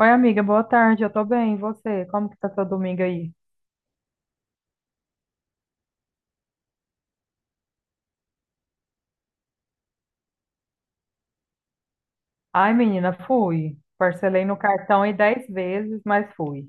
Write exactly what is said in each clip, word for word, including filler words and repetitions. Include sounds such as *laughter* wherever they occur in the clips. Oi, amiga, boa tarde. Eu tô bem, e você? Como que tá seu domingo aí? Ai, menina, fui. Parcelei no cartão aí dez vezes, mas fui.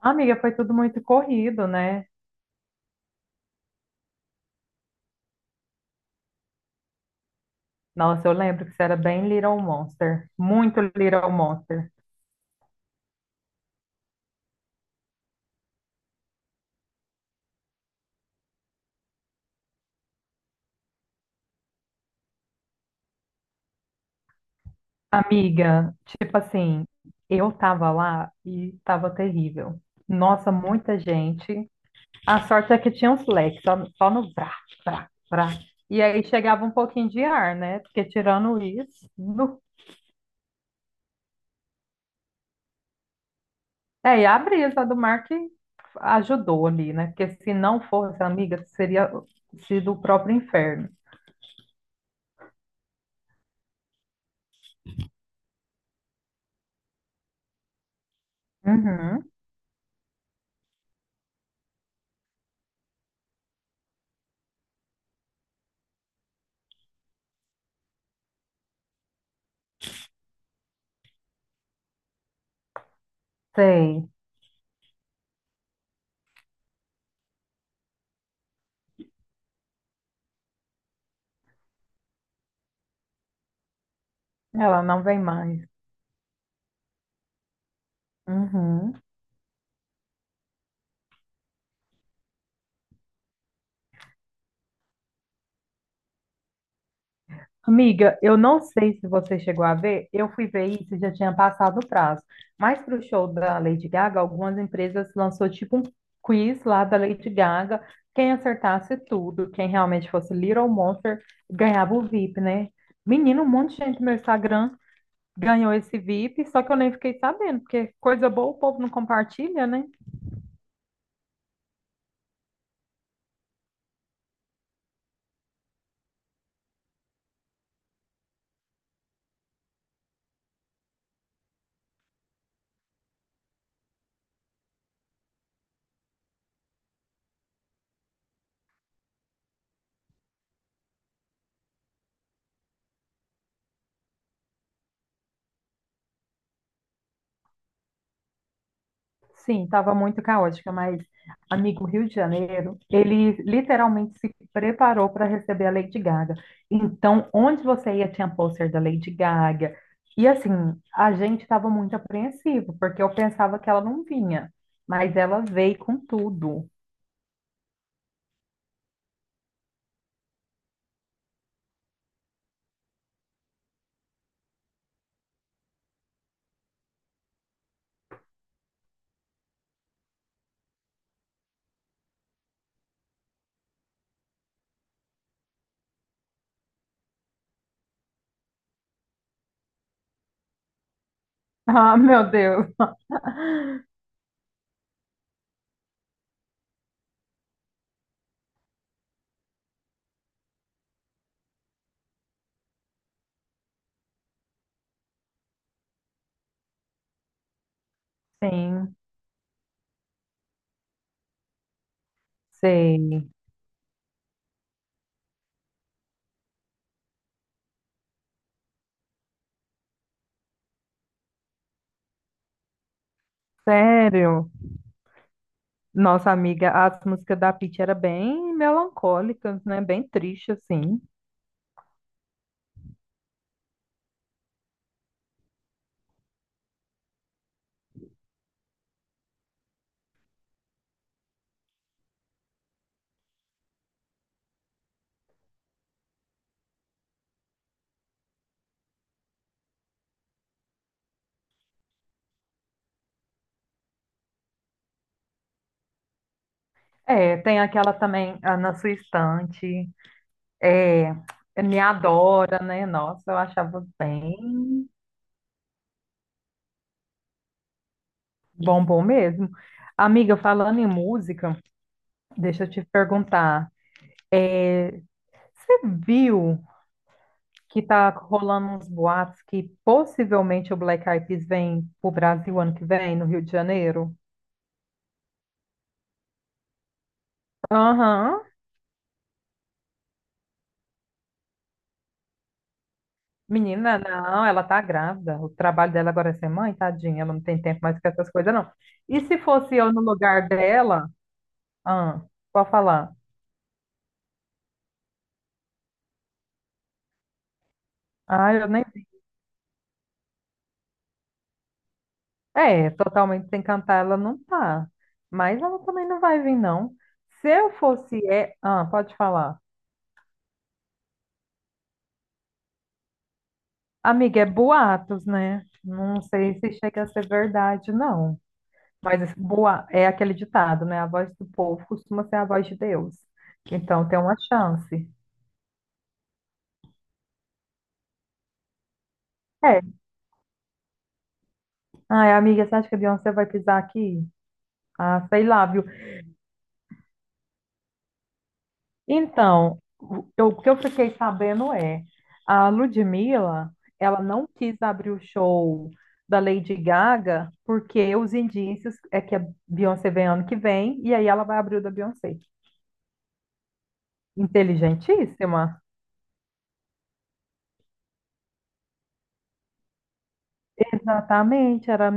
Amiga, foi tudo muito corrido, né? Nossa, eu lembro que você era bem Little Monster. Muito Little Monster. Amiga, tipo assim, eu tava lá e tava terrível. Nossa, muita gente. A sorte é que tinha uns leques, só, só no brá, brá, brá. E aí chegava um pouquinho de ar, né? Porque tirando isso, nu. É, e a brisa do mar que ajudou ali, né? Porque se não fosse amiga, seria sido o próprio inferno. Uhum, sei. Ela não vem mais. Uhum. Amiga, eu não sei se você chegou a ver, eu fui ver isso e já tinha passado o prazo. Mas para o show da Lady Gaga, algumas empresas lançou tipo um quiz lá da Lady Gaga. Quem acertasse tudo, quem realmente fosse Little Monster, ganhava o VIP, né? Menino, um monte de gente no meu Instagram ganhou esse VIP, só que eu nem fiquei sabendo, porque coisa boa o povo não compartilha, né? Sim, estava muito caótica, mas amigo Rio de Janeiro, ele literalmente se preparou para receber a Lady Gaga. Então, onde você ia tinha pôster da Lady Gaga. E assim, a gente estava muito apreensivo, porque eu pensava que ela não vinha, mas ela veio com tudo. *laughs* Ah, meu Deus. Sim, sei. Sério? Nossa amiga, as músicas da Pitty era bem melancólicas, né? Bem triste, assim. É, tem aquela também, ah, Na Sua Estante, é, é, Me Adora, né? Nossa, eu achava bem bom, bom mesmo. Amiga, falando em música, deixa eu te perguntar, é, você viu que tá rolando uns boatos que possivelmente o Black Eyed Peas vem pro Brasil ano que vem, no Rio de Janeiro? Aham. Menina, não, ela tá grávida. O trabalho dela agora é ser mãe, tadinha. Ela não tem tempo mais pra essas coisas, não. E se fosse eu no lugar dela? Ah, pode falar. Ah, eu nem vi. É, totalmente sem cantar ela não tá. Mas ela também não vai vir, não. Se eu fosse... É... Ah, pode falar. Amiga, é boatos, né? Não sei se chega a ser verdade, não. Mas esse boa... é aquele ditado, né? A voz do povo costuma ser a voz de Deus. Então tem uma chance. É, ai, amiga, você acha que a Beyoncé vai pisar aqui? Ah, sei lá, viu? Então, o eu- o que eu fiquei sabendo é, a Ludmilla, ela não quis abrir o show da Lady Gaga, porque os indícios é que a Beyoncé vem ano que vem, e aí ela vai abrir o da Beyoncé. Inteligentíssima. Exatamente, era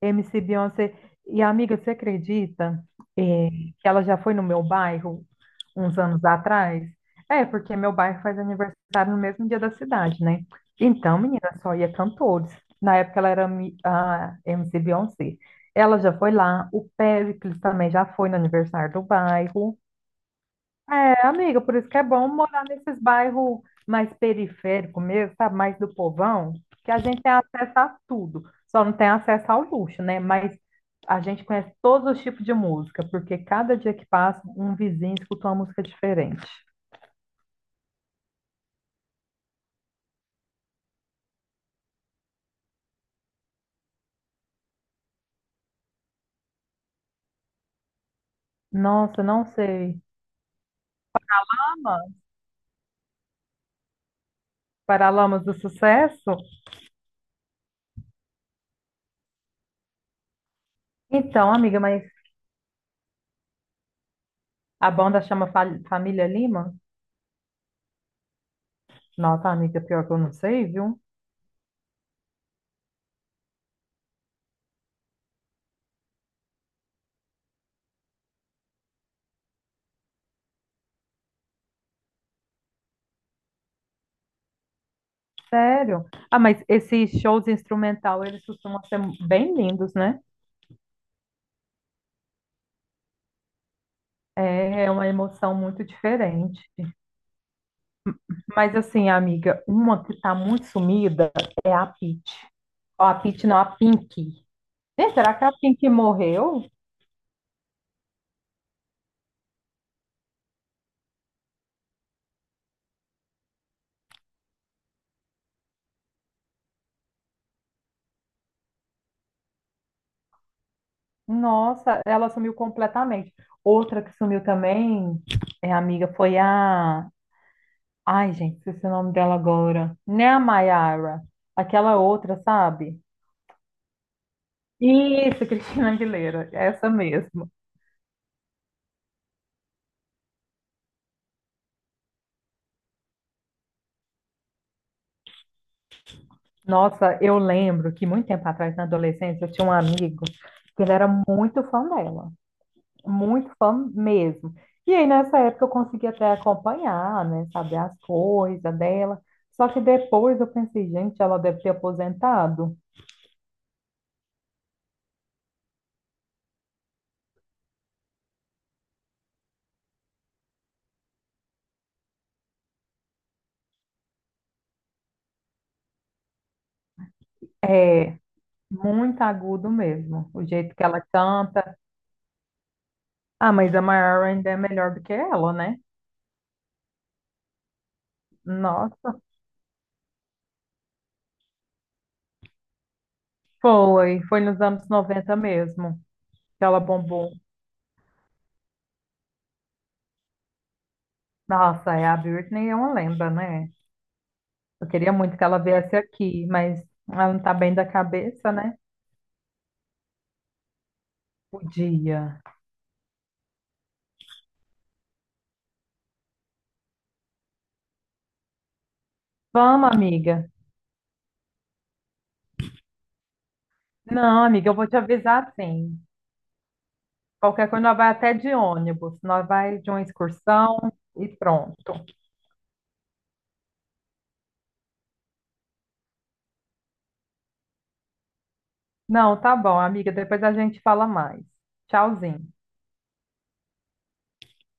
M C Beyoncé. E, amiga, você acredita, eh, que ela já foi no meu bairro? Uns anos atrás. É, porque meu bairro faz aniversário no mesmo dia da cidade, né? Então, menina, só ia cantores. Na época ela era mi- a M C Beyoncé. Ela já foi lá, o Péricles também já foi no aniversário do bairro. É, amiga, por isso que é bom morar nesses bairros mais periféricos mesmo, sabe? Mais do povão, que a gente tem acesso a tudo. Só não tem acesso ao luxo, né? Mas a gente conhece todos os tipos de música, porque cada dia que passa, um vizinho escuta uma música diferente. Nossa, não sei. Ama? Paralamas do Sucesso? Então, amiga, mas a banda chama Fa- Família Lima? Nossa, amiga, pior que eu não sei, viu? Sério? Ah, mas esses shows instrumental, eles costumam ser bem lindos, né? É é uma emoção muito diferente. Mas assim, amiga, uma que tá muito sumida é a Pitty. Ó, a Pitty não, a Pink. Gente, será que a Pink morreu? Nossa, ela sumiu completamente. Outra que sumiu também, é, amiga, foi a... Ai, gente, esqueci o nome dela agora. Né, a Mayara? Aquela outra, sabe? Isso, *laughs* Cristina Aguilera, essa mesmo. Nossa, eu lembro que muito tempo atrás, na adolescência, eu tinha um amigo que ele era muito fã dela, muito fã mesmo. E aí, nessa época, eu conseguia até acompanhar, né, saber as coisas dela. Só que depois eu pensei, gente, ela deve ter aposentado. É, muito agudo mesmo, o jeito que ela canta. Ah, mas a Mariah ainda é melhor do que ela, né? Nossa, foi, foi nos anos noventa mesmo que ela bombou. Nossa, é, a Britney é uma lenda, né? Eu queria muito que ela viesse aqui, mas ela não tá bem da cabeça, né? Podia. Vamos, amiga. Não, amiga, eu vou te avisar sim. Qualquer coisa, nós vai até de ônibus, nós vai de uma excursão e pronto. Não, tá bom, amiga, depois a gente fala mais. Tchauzinho.